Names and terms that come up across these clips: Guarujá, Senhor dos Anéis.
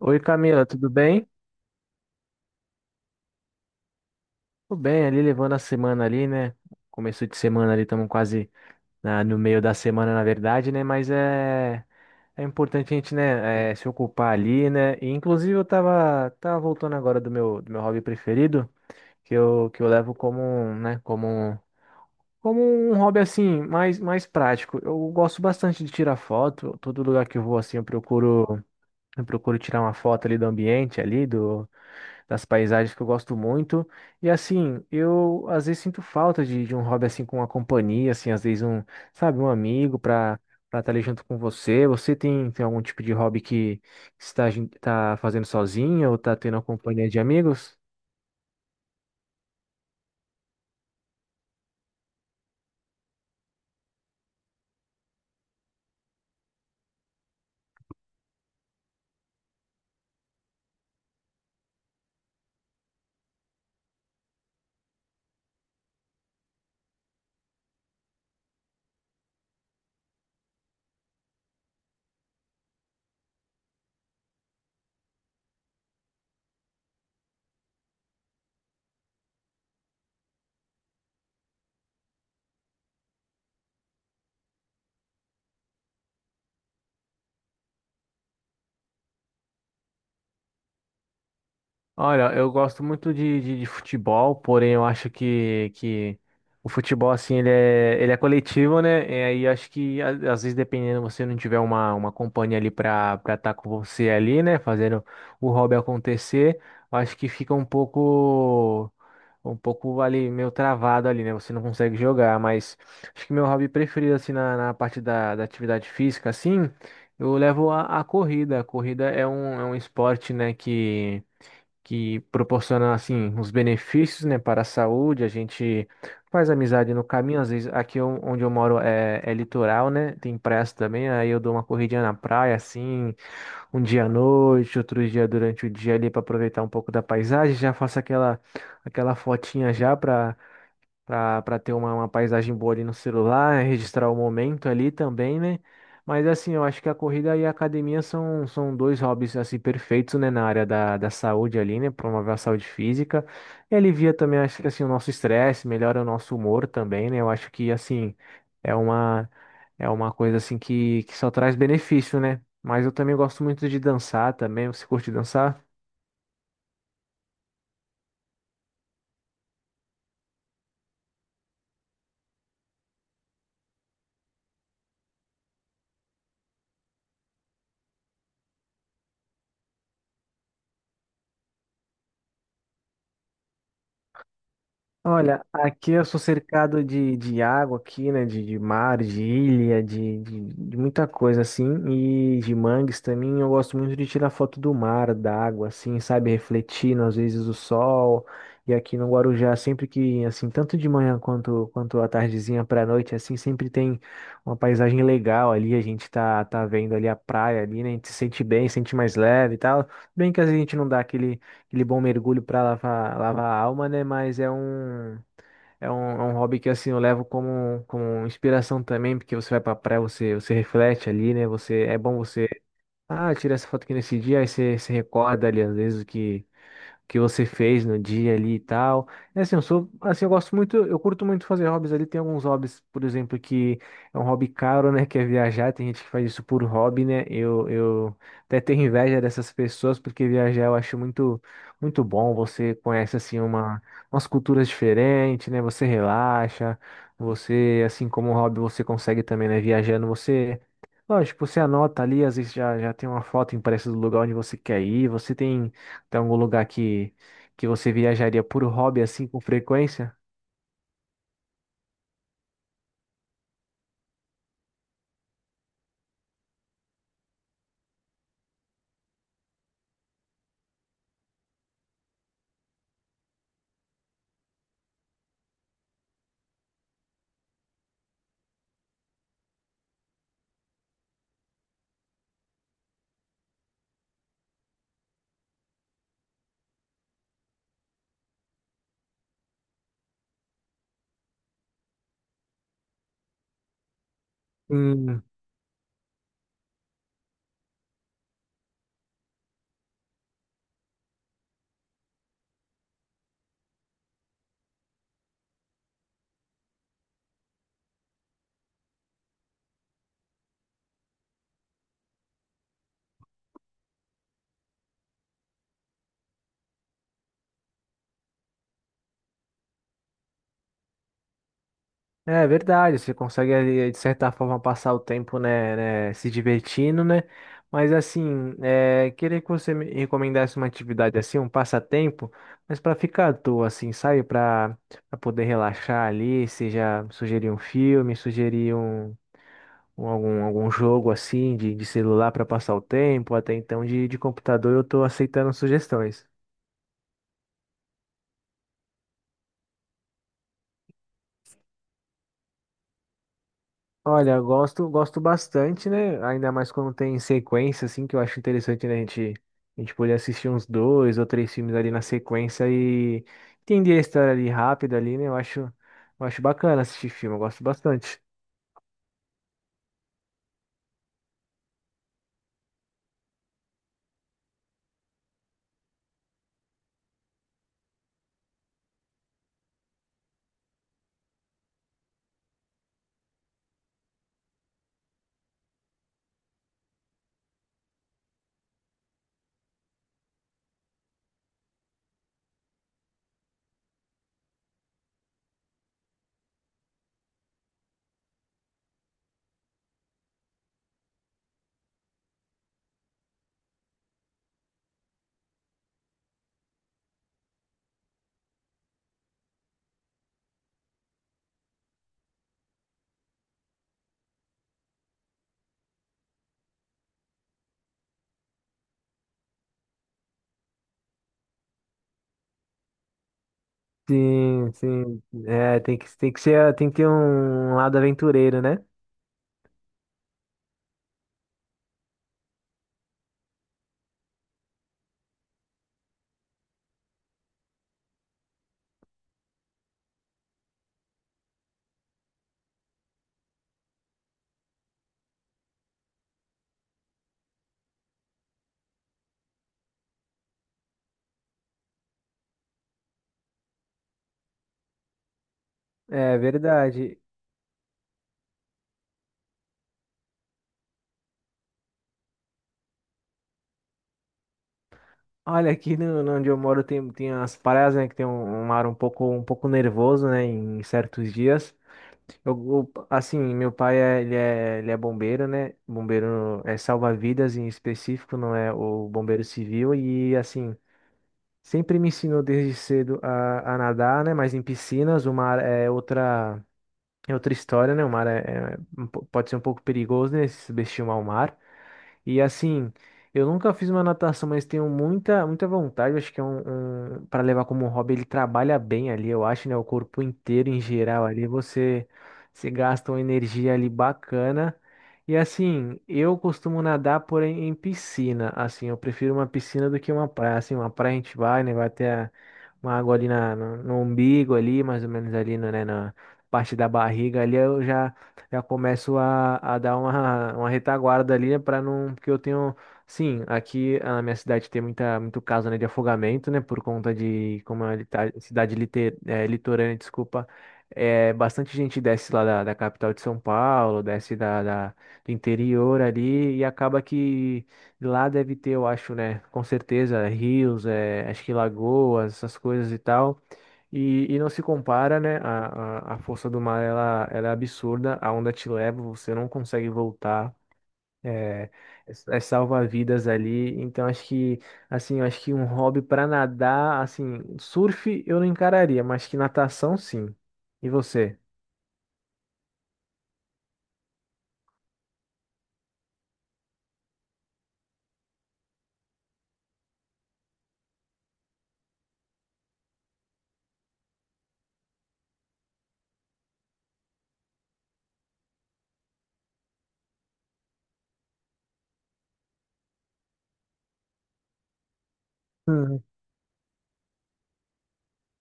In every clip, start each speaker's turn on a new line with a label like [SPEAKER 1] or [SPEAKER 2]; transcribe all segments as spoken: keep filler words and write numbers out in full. [SPEAKER 1] Oi Camila, tudo bem? Tudo bem, ali levando a semana ali, né? Começo de semana ali, estamos quase na- no meio da semana, na verdade, né? Mas é, é importante a gente, né, é, se ocupar ali, né? E, inclusive eu tava, tava voltando agora do meu, do meu hobby preferido, que eu, que eu levo como, um, né, como, um- como um hobby assim, mais, mais prático. Eu gosto bastante de tirar foto, todo lugar que eu vou assim, eu procuro, eu procuro tirar uma foto ali do ambiente ali, do das paisagens que eu gosto muito. E assim, eu às vezes sinto falta de, de um hobby assim com uma companhia, assim, às vezes um, sabe, um amigo para para estar ali junto com você. Você tem, tem algum tipo de hobby que está, gen- tá fazendo sozinho ou tá tendo a companhia de amigos? Olha, eu gosto muito de, de, de futebol, porém eu acho que, que o futebol, assim, ele é, ele é coletivo, né? E aí eu acho que, a- às vezes, dependendo, você não tiver uma, uma companhia ali pra, pra estar com você ali, né? Fazendo o hobby acontecer, eu acho que fica um pouco, um pouco ali, meio travado ali, né? Você não consegue jogar, mas acho que meu hobby preferido, assim, na, na parte da, da atividade física, assim, eu levo a, a corrida. A corrida é um, é um esporte, né, que que proporciona assim os benefícios, né, para a saúde. A gente faz amizade no caminho, às vezes aqui on- onde eu moro é, é litoral, né? Tem praias também, aí eu dou uma corridinha na praia assim, um dia à noite, outro dia durante o dia ali para aproveitar um pouco da paisagem, já faço aquela aquela fotinha já para pra, pra ter uma, uma paisagem boa ali no celular, registrar o momento ali também, né? Mas assim, eu acho que a corrida e a academia são, são dois hobbies assim perfeitos, né, na área da, da saúde ali, né? Promover a saúde física. E alivia também, acho que assim, o nosso estresse, melhora o nosso humor também, né? Eu acho que assim, é uma, é uma coisa assim que, que só traz benefício, né? Mas eu também gosto muito de dançar também. Você curte dançar? Olha, aqui eu sou cercado de, de água aqui, né? De, de mar, de ilha, de, de, de muita coisa assim. E de mangues também. Eu gosto muito de tirar foto do mar, da água, assim, sabe? Refletindo, às vezes, o sol. E aqui no Guarujá, sempre que, assim, tanto de manhã quanto, quanto à tardezinha para a noite, assim, sempre tem uma paisagem legal ali. A gente tá, tá vendo ali a praia ali, né? A gente se sente bem, se sente mais leve e tal. Bem que às vezes a gente não dá aquele aquele bom mergulho para lavar, lavar a alma, né? Mas é um, é um, é um hobby que assim eu levo como, como inspiração também, porque você vai pra praia, você, você reflete ali, né? Você, é bom você, ah, tira essa foto aqui nesse dia, aí você se recorda ali, às vezes, o que que você fez no dia ali e tal. É assim, eu sou, assim, eu gosto muito, eu curto muito fazer hobbies ali. Tem alguns hobbies, por exemplo, que é um hobby caro, né? Que é viajar. Tem gente que faz isso por hobby, né? Eu, eu até tenho inveja dessas pessoas, porque viajar eu acho muito, muito bom. Você conhece, assim, uma, umas culturas diferentes, né? Você relaxa. Você, assim como hobby, você consegue também, né? Viajando, você. Lógico, você anota ali, às vezes já, já tem uma foto impressa do lugar onde você quer ir, você tem tem algum lugar que, que você viajaria por hobby assim com frequência? Hum, é verdade, você consegue ali, de certa forma passar o tempo, né, né, se divertindo, né? Mas assim, é, queria que você me recomendasse uma atividade assim, um passatempo, mas para ficar à toa, assim, sabe? Para poder relaxar ali, seja sugerir um filme, sugerir um, um- algum, algum jogo assim de, de celular para passar o tempo, até então de, de computador eu tô aceitando sugestões. Olha, eu gosto, gosto bastante, né? Ainda mais quando tem sequência, assim, que eu acho interessante, né? A gente, a gente poder assistir uns dois ou três filmes ali na sequência e entender a história ali rápido ali, né? Eu acho, eu acho bacana assistir filme, eu gosto bastante. Sim, sim. É, tem que, tem que ser, tem que ter um lado aventureiro, né? É verdade. Olha, aqui no, no onde eu moro tem, tem as praias, né? Que tem um, um mar um pouco, um pouco nervoso, né? Em certos dias. Eu, eu- assim, meu pai é, ele é, ele é bombeiro, né? Bombeiro é salva-vidas em específico, não é o bombeiro civil. E, assim, sempre me ensinou desde cedo a, a nadar, né? Mas em piscinas, o mar é outra, é outra história, né? O mar é, é um po- pode ser um pouco perigoso, né? Se subestimar o mar. E assim, eu nunca fiz uma natação, mas tenho muita, muita vontade. Acho que é um, um para levar como hobby, ele trabalha bem ali, eu acho, né? O corpo inteiro em geral ali, você se gasta uma energia ali bacana. E assim, eu costumo nadar, porém, em piscina. Assim, eu prefiro uma piscina do que uma praia. Assim, uma praia a gente vai, né? Vai até uma água ali na, no, no umbigo ali, mais ou menos ali, no, né? Na parte da barriga ali, eu já já começo a, a dar uma, uma retaguarda ali, né, para não, porque eu tenho, sim, aqui na minha cidade tem muita, muito caso, né, de afogamento, né, por conta de, como é a lita- cidade lite, é, litorânea, desculpa, é, bastante gente desce lá da, da capital de São Paulo, desce da, da- do interior ali e acaba que lá deve ter, eu acho, né, com certeza, rios, é, acho que lagoas, essas coisas e tal. E, e não se compara, né? A, a, a força do mar, ela, ela é absurda. A onda te leva, você não consegue voltar. É, é salva-vidas ali. Então, acho que, assim, eu acho que um hobby para nadar, assim, surf eu não encararia, mas que natação, sim. E você?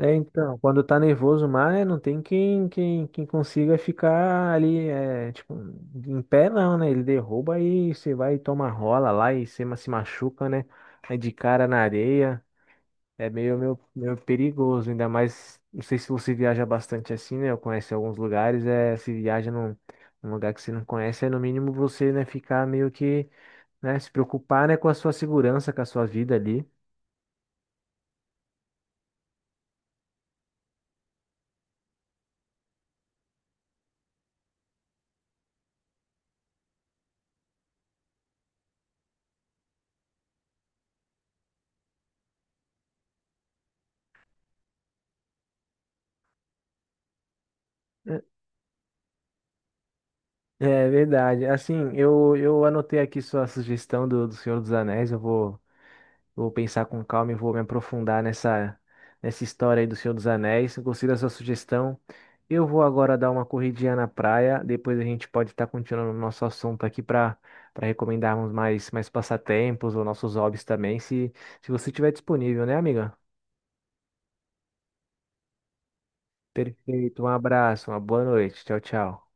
[SPEAKER 1] É, então, quando tá nervoso mais, né, não tem quem, quem, quem consiga ficar ali, é, tipo, em pé não, né? Ele derruba e você vai e toma rola lá e você ma- se machuca, né? Aí de cara na areia, é meio, meio, meio perigoso, ainda mais, não sei se você viaja bastante assim, né? Eu conheço alguns lugares, é, se viaja num, num lugar que você não conhece, é no mínimo você, né, ficar meio que, né, se preocupar, né, com a sua segurança, com a sua vida ali. É verdade. Assim, eu, eu anotei aqui sua sugestão do, do Senhor dos Anéis. Eu vou, vou pensar com calma e vou me aprofundar nessa, nessa história aí do Senhor dos Anéis. Eu Gostei da sua sugestão. Eu vou agora dar uma corridinha na praia. Depois a gente pode estar continuando o nosso assunto aqui para para recomendarmos mais, mais passatempos ou nossos hobbies também, se, se você estiver disponível, né, amiga? Perfeito. Um abraço, uma boa noite. Tchau, tchau.